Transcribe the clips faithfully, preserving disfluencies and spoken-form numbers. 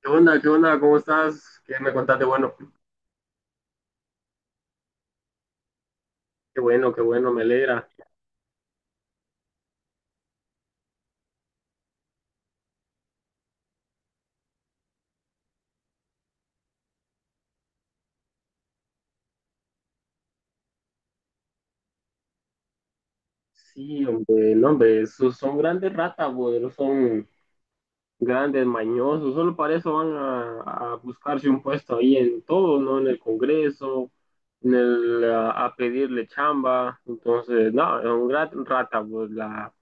¿Qué onda? ¿Qué onda? ¿Cómo estás? ¿Qué me contaste? Bueno, qué bueno, qué bueno, me alegra. Sí, hombre, no, hombre, esos son grandes ratas, güey, son grandes mañosos, solo para eso van a, a buscarse un puesto ahí en todo, ¿no? En el Congreso, en el, a, a pedirle chamba, entonces, no, es un gran rata, pues la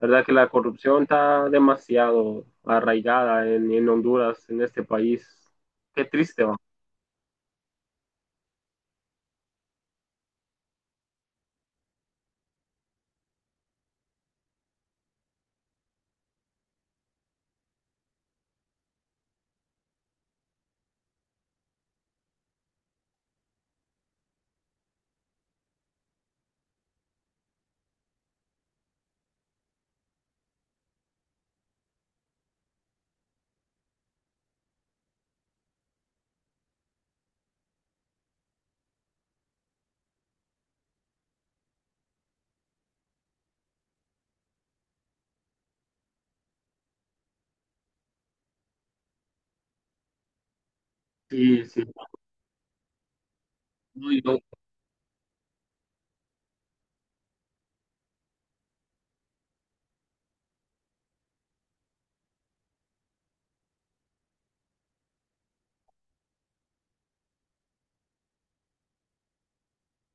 verdad que la corrupción está demasiado arraigada en, en Honduras, en este país. Qué triste, va. Sí, sí.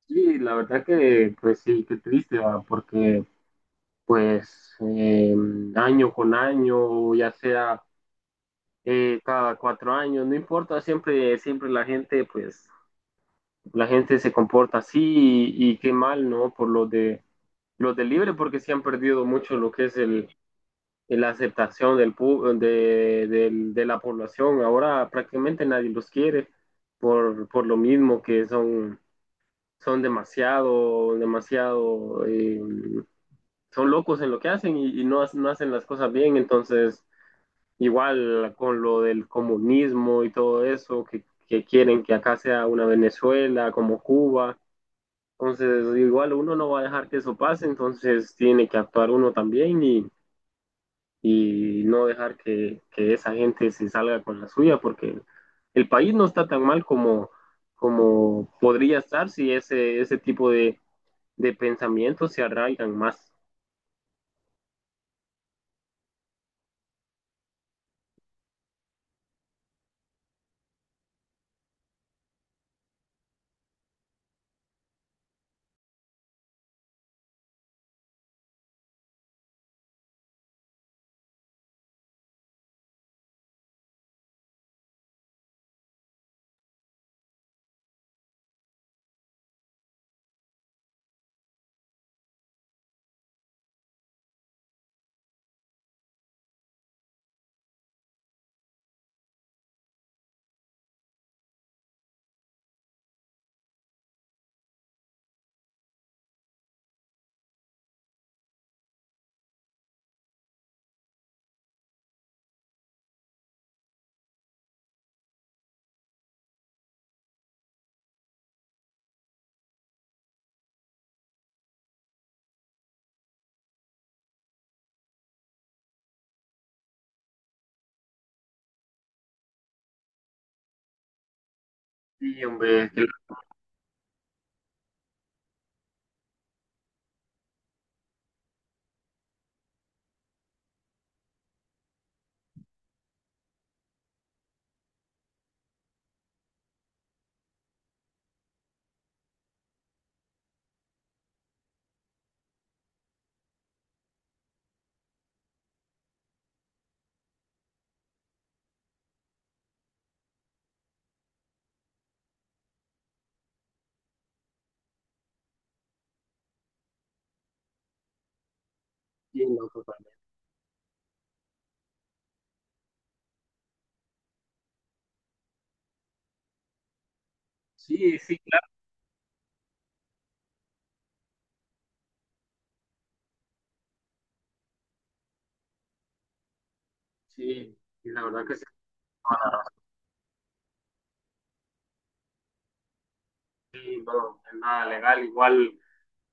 Sí, la verdad que, pues sí, qué triste, ¿va? Porque pues eh, año con año, ya sea eh, cada cuatro años, no importa, siempre, siempre la gente, pues la gente se comporta así y, y qué mal, ¿no? Por lo de los de Libre, porque se han perdido mucho lo que es el, la aceptación del, pu- de, de, de la población. Ahora prácticamente nadie los quiere por, por lo mismo que son, son demasiado, demasiado eh, son locos en lo que hacen y, y no, no hacen las cosas bien, entonces igual con lo del comunismo y todo eso, que, que quieren que acá sea una Venezuela como Cuba, entonces igual uno no va a dejar que eso pase, entonces tiene que actuar uno también y, y no dejar que, que esa gente se salga con la suya, porque el país no está tan mal como, como podría estar si ese, ese tipo de, de pensamientos se arraigan más. Sí, hombre, que lo- entiendo, papá. Sí, sí, claro. Sí, y la verdad que sí, no, es nada legal. Igual,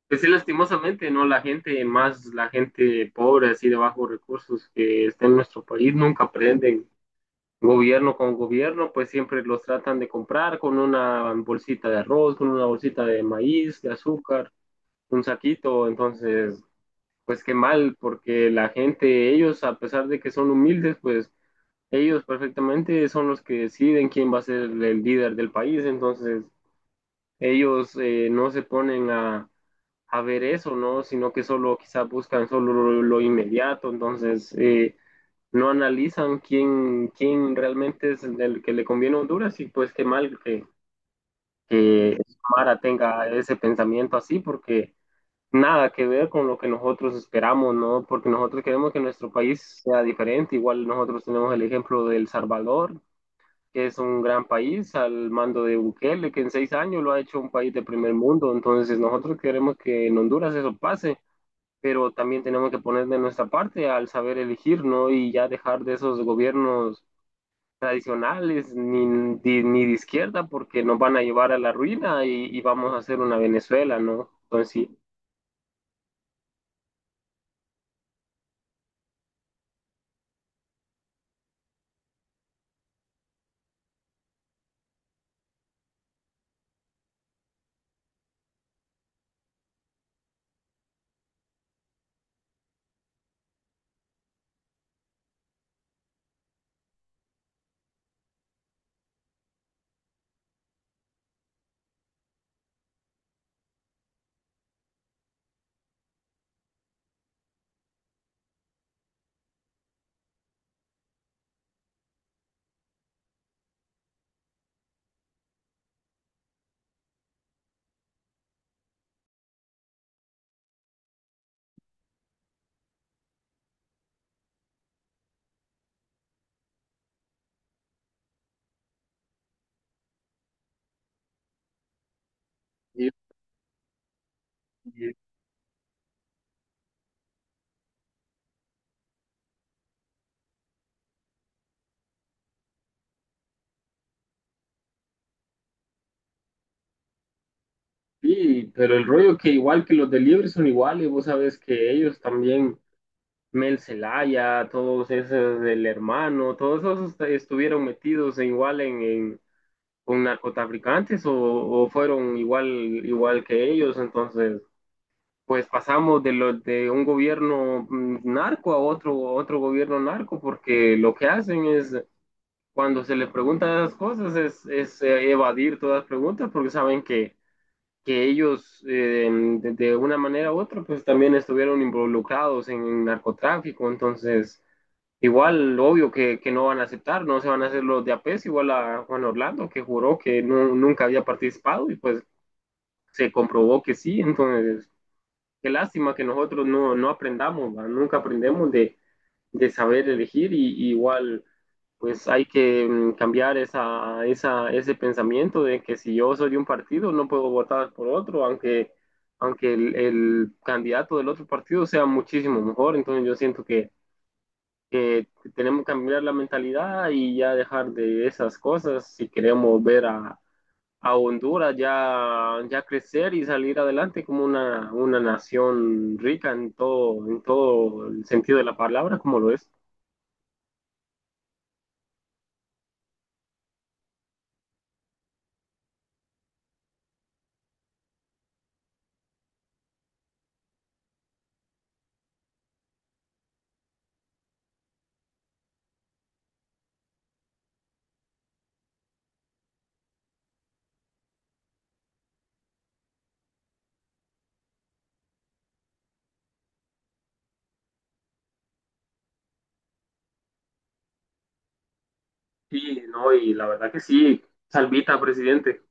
pues sí, lastimosamente, ¿no? La gente, más la gente pobre, así de bajos recursos que está en nuestro país, nunca aprenden gobierno con gobierno, pues siempre los tratan de comprar con una bolsita de arroz, con una bolsita de maíz, de azúcar, un saquito. Entonces, pues qué mal, porque la gente, ellos, a pesar de que son humildes, pues ellos perfectamente son los que deciden quién va a ser el líder del país. Entonces, ellos eh, no se ponen a, a ver eso, ¿no? Sino que solo quizás buscan solo lo, lo inmediato, entonces eh, no analizan quién, quién realmente es el que le conviene a Honduras y pues qué mal que, que Mara tenga ese pensamiento así porque nada que ver con lo que nosotros esperamos, ¿no? Porque nosotros queremos que nuestro país sea diferente, igual nosotros tenemos el ejemplo de El Salvador, que es un gran país al mando de Bukele, que en seis años lo ha hecho un país de primer mundo. Entonces nosotros queremos que en Honduras eso pase, pero también tenemos que poner de nuestra parte al saber elegir, ¿no? Y ya dejar de esos gobiernos tradicionales ni, ni, ni de izquierda porque nos van a llevar a la ruina y, y vamos a hacer una Venezuela, ¿no? Entonces sí, Y- y- sí, pero el rollo que igual que los de Libre son iguales, vos sabes que ellos también Mel Zelaya, todos esos del hermano, todos esos estuvieron metidos igual en, en- con narcotraficantes o, o fueron igual, igual que ellos, entonces pues pasamos de lo, de un gobierno mm, narco a otro, otro gobierno narco, porque lo que hacen es cuando se les pregunta esas cosas es, es, eh, evadir todas las preguntas porque saben que, que ellos eh, de, de una manera u otra pues también estuvieron involucrados en narcotráfico, entonces igual, obvio que, que no van a aceptar, no se van a hacer los de APES, igual a Juan Orlando, que juró que no, nunca había participado y pues se comprobó que sí, entonces qué lástima que nosotros no, no aprendamos, ¿va? Nunca aprendemos de, de saber elegir y, y igual pues hay que mm, cambiar esa, esa, ese pensamiento de que si yo soy de un partido no puedo votar por otro, aunque, aunque el, el candidato del otro partido sea muchísimo mejor, entonces yo siento que que tenemos que cambiar la mentalidad y ya dejar de esas cosas si queremos ver a, a Honduras ya, ya crecer y salir adelante como una, una nación rica en todo, en todo el sentido de la palabra, como lo es. Sí, no, y la verdad que sí, salvita, presidente.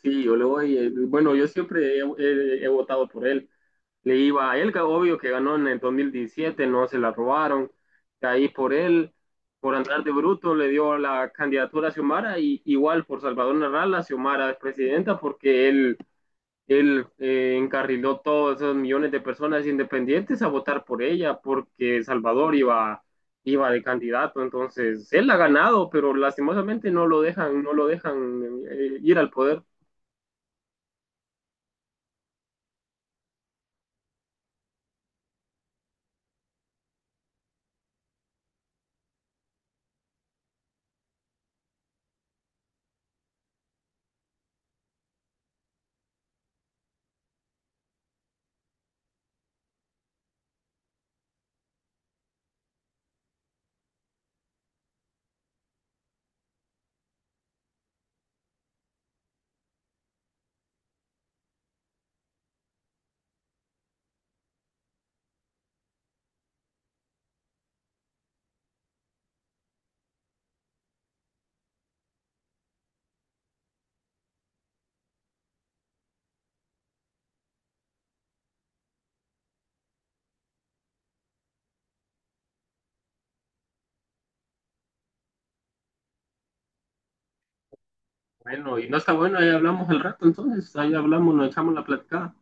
Sí, yo le voy, eh, bueno, yo siempre he, he- he votado por él. Le iba a él, que obvio que ganó en el dos mil diecisiete, no se la robaron. Caí por él, por andar de bruto, le dio la candidatura a Xiomara y igual por Salvador Narrala, Xiomara es presidenta porque él, él eh, encarriló todos esos millones de personas independientes a votar por ella porque Salvador iba, iba de candidato. Entonces, él ha ganado, pero lastimosamente no lo dejan, no lo dejan eh, ir al poder. Bueno, y no está bueno, ahí hablamos el rato entonces, ahí hablamos, nos echamos la platicada.